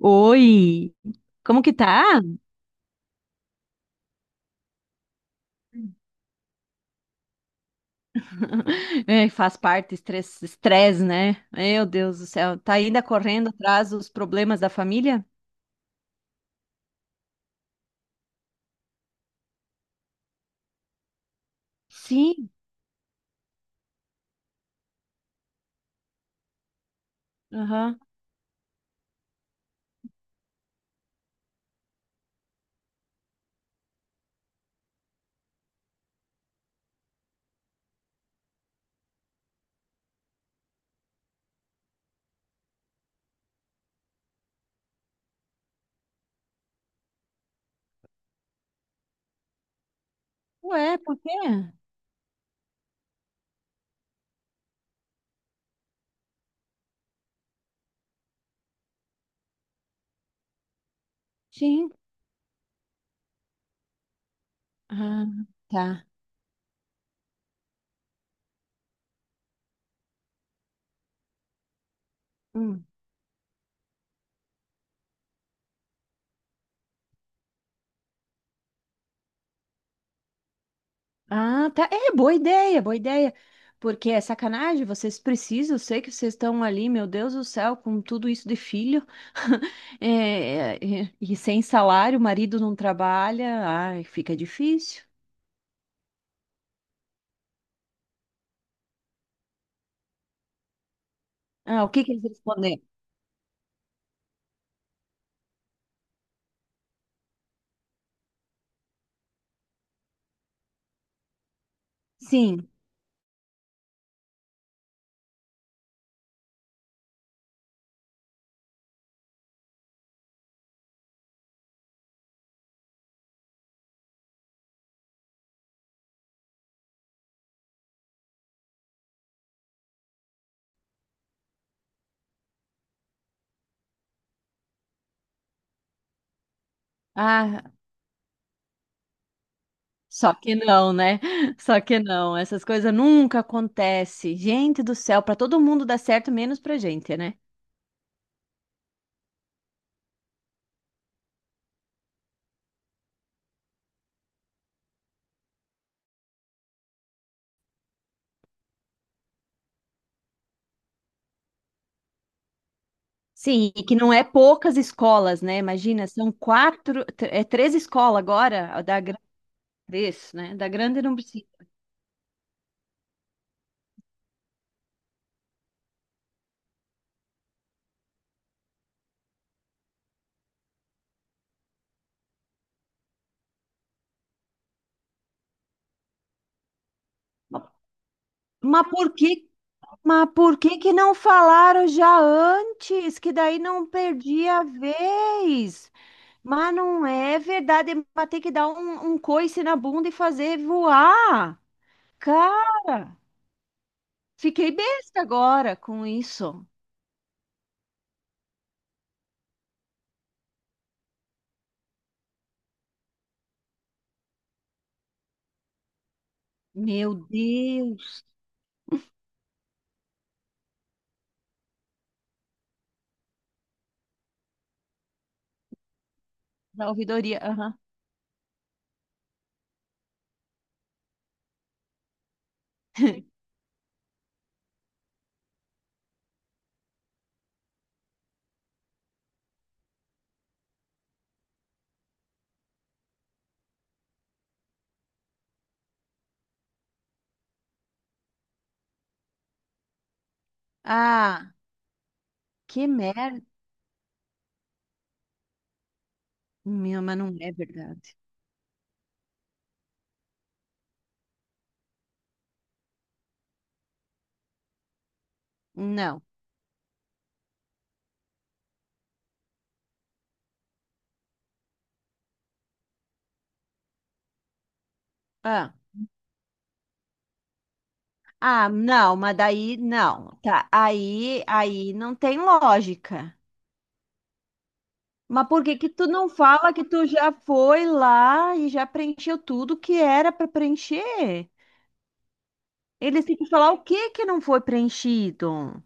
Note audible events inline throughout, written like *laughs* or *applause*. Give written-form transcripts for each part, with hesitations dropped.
Oi, como que tá? *laughs* É, faz parte, estresse, né? Meu Deus do céu, tá ainda correndo atrás dos problemas da família? Sim, aham. Ué, por quê? Sim. Ah, tá. Hum. Ah, tá. É, boa ideia. Porque é sacanagem, vocês precisam, eu sei que vocês estão ali, meu Deus do céu, com tudo isso de filho. *laughs* E sem salário, o marido não trabalha, ai, fica difícil. Ah, o que que eles responderam? Sim. Ah, só que não, né? *laughs* Só que não. Essas coisas nunca acontecem. Gente do céu, para todo mundo dá certo, menos pra gente, né? Sim, e que não é poucas escolas, né? Imagina, são é três escolas agora, a da grande, três, né? Da grande não precisa. Mas por que, mas por que que não falaram já antes? Que daí não perdia a vez. Mas não é verdade. Vai ter que dar um coice na bunda e fazer voar. Cara, fiquei besta agora com isso. Meu Deus, da ouvidoria. Aham. *laughs* Ah, que merda. Meu, mas não é verdade. Não. Ah, não, mas daí não. Aí não tem lógica. Mas por que que tu não fala que tu já foi lá e já preencheu tudo que era para preencher? Eles têm que falar o que que não foi preenchido.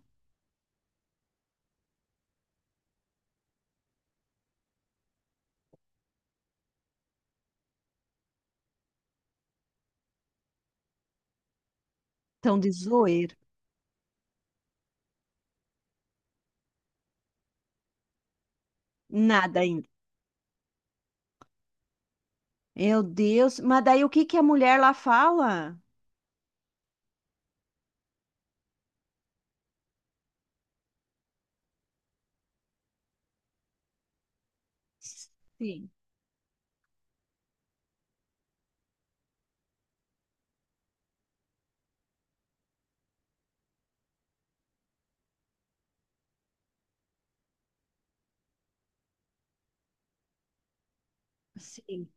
Estão de zoeira. Nada ainda. Meu Deus. Mas daí o que que a mulher lá fala? Sim, sim,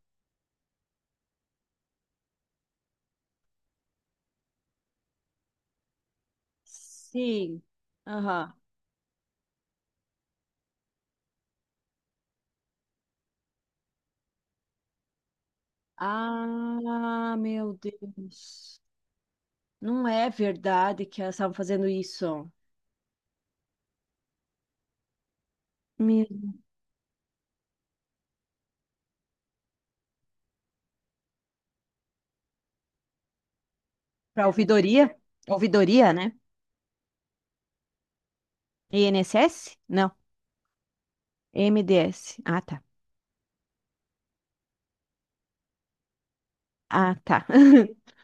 sim. Aham. Ah, meu Deus. Não é verdade que elas estavam fazendo isso. Para ouvidoria? Ouvidoria, né? INSS? Não. MDS. Ah, tá. Ah, tá. *laughs*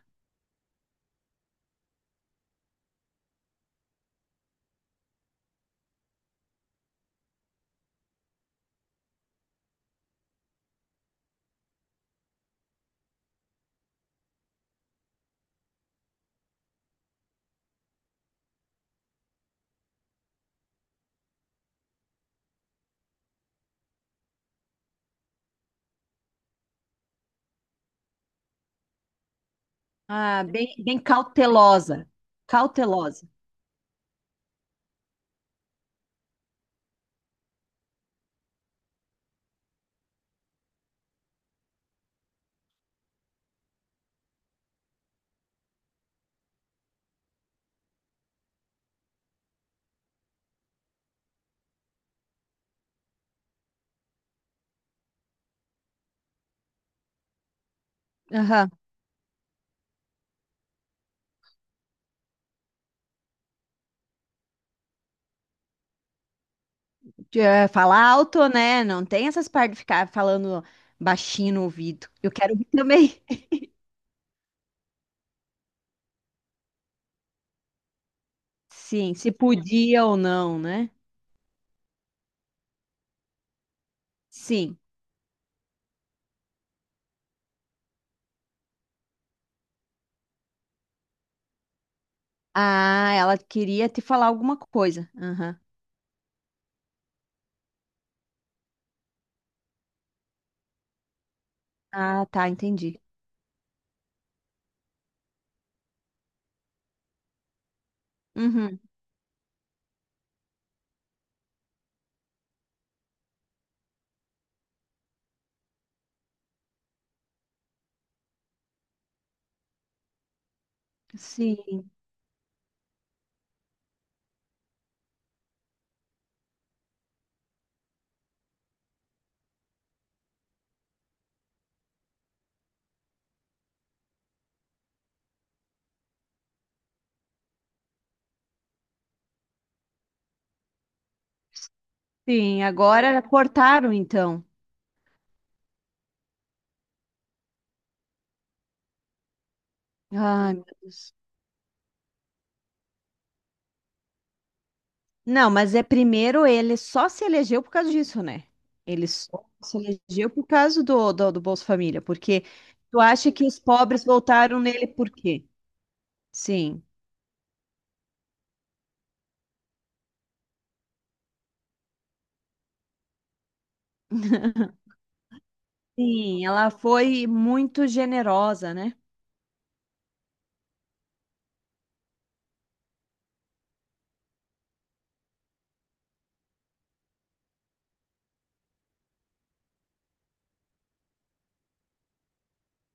Ah, bem, bem cautelosa. Cautelosa. Aham. De, falar alto, né? Não tem essas partes de ficar falando baixinho no ouvido. Eu quero ouvir também. *laughs* Sim, se podia ou não, né? Sim. Ah, ela queria te falar alguma coisa. Aham. Ah, tá, entendi. Uhum. Sim, sim. Agora cortaram, então. Ai, meu Deus. Não, mas é primeiro ele só se elegeu por causa disso, né? Ele só se elegeu por causa do Bolsa Família, porque tu acha que os pobres votaram nele por quê? Sim. Sim, ela foi muito generosa, né?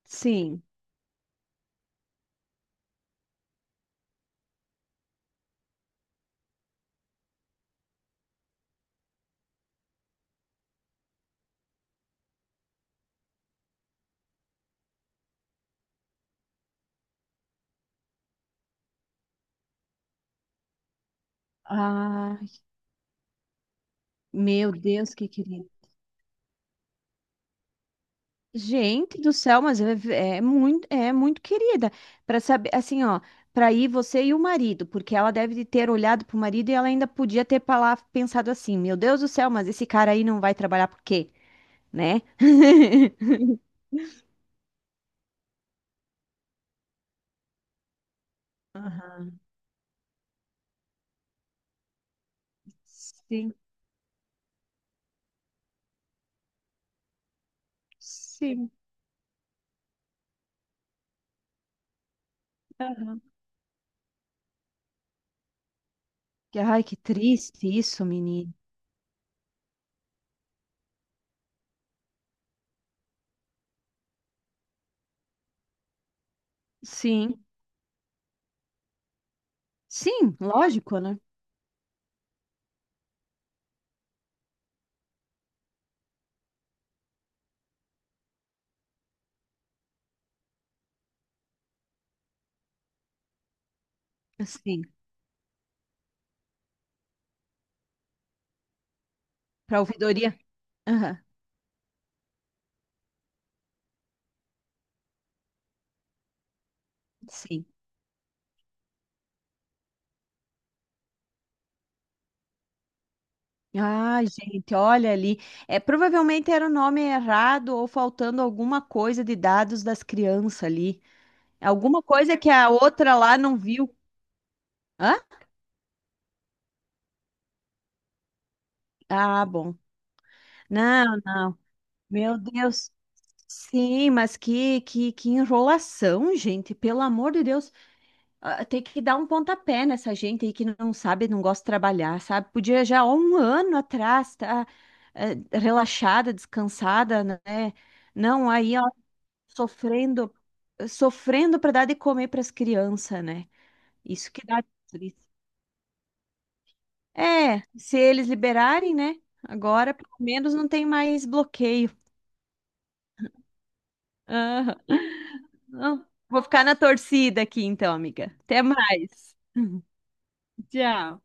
Sim. Ai, meu Deus, que querida. Gente do céu, mas é, é muito querida. Para saber, assim, ó, para ir você e o marido, porque ela deve ter olhado pro marido e ela ainda podia ter pensado assim: meu Deus do céu, mas esse cara aí não vai trabalhar por quê, né? *laughs* Aham. Sim, sim. Ai, que triste isso, menino. Sim, sim, lógico, né? Sim. Para ouvidoria? Aham, sim. Ah, gente, olha ali. É, provavelmente era o nome errado ou faltando alguma coisa de dados das crianças ali. Alguma coisa que a outra lá não viu. Hã? Ah, bom. Não, não. Meu Deus. Sim, mas que enrolação, gente. Pelo amor de Deus. Ah, tem que dar um pontapé nessa gente aí que não sabe, não gosta de trabalhar, sabe? Podia já há um ano atrás estar relaxada, descansada, né? Não, aí ó, sofrendo, sofrendo para dar de comer para as crianças, né? Isso que dá triste. É, se eles liberarem, né? Agora, pelo menos, não tem mais bloqueio. Aham. Não, vou ficar na torcida aqui, então, amiga. Até mais. *laughs* Tchau.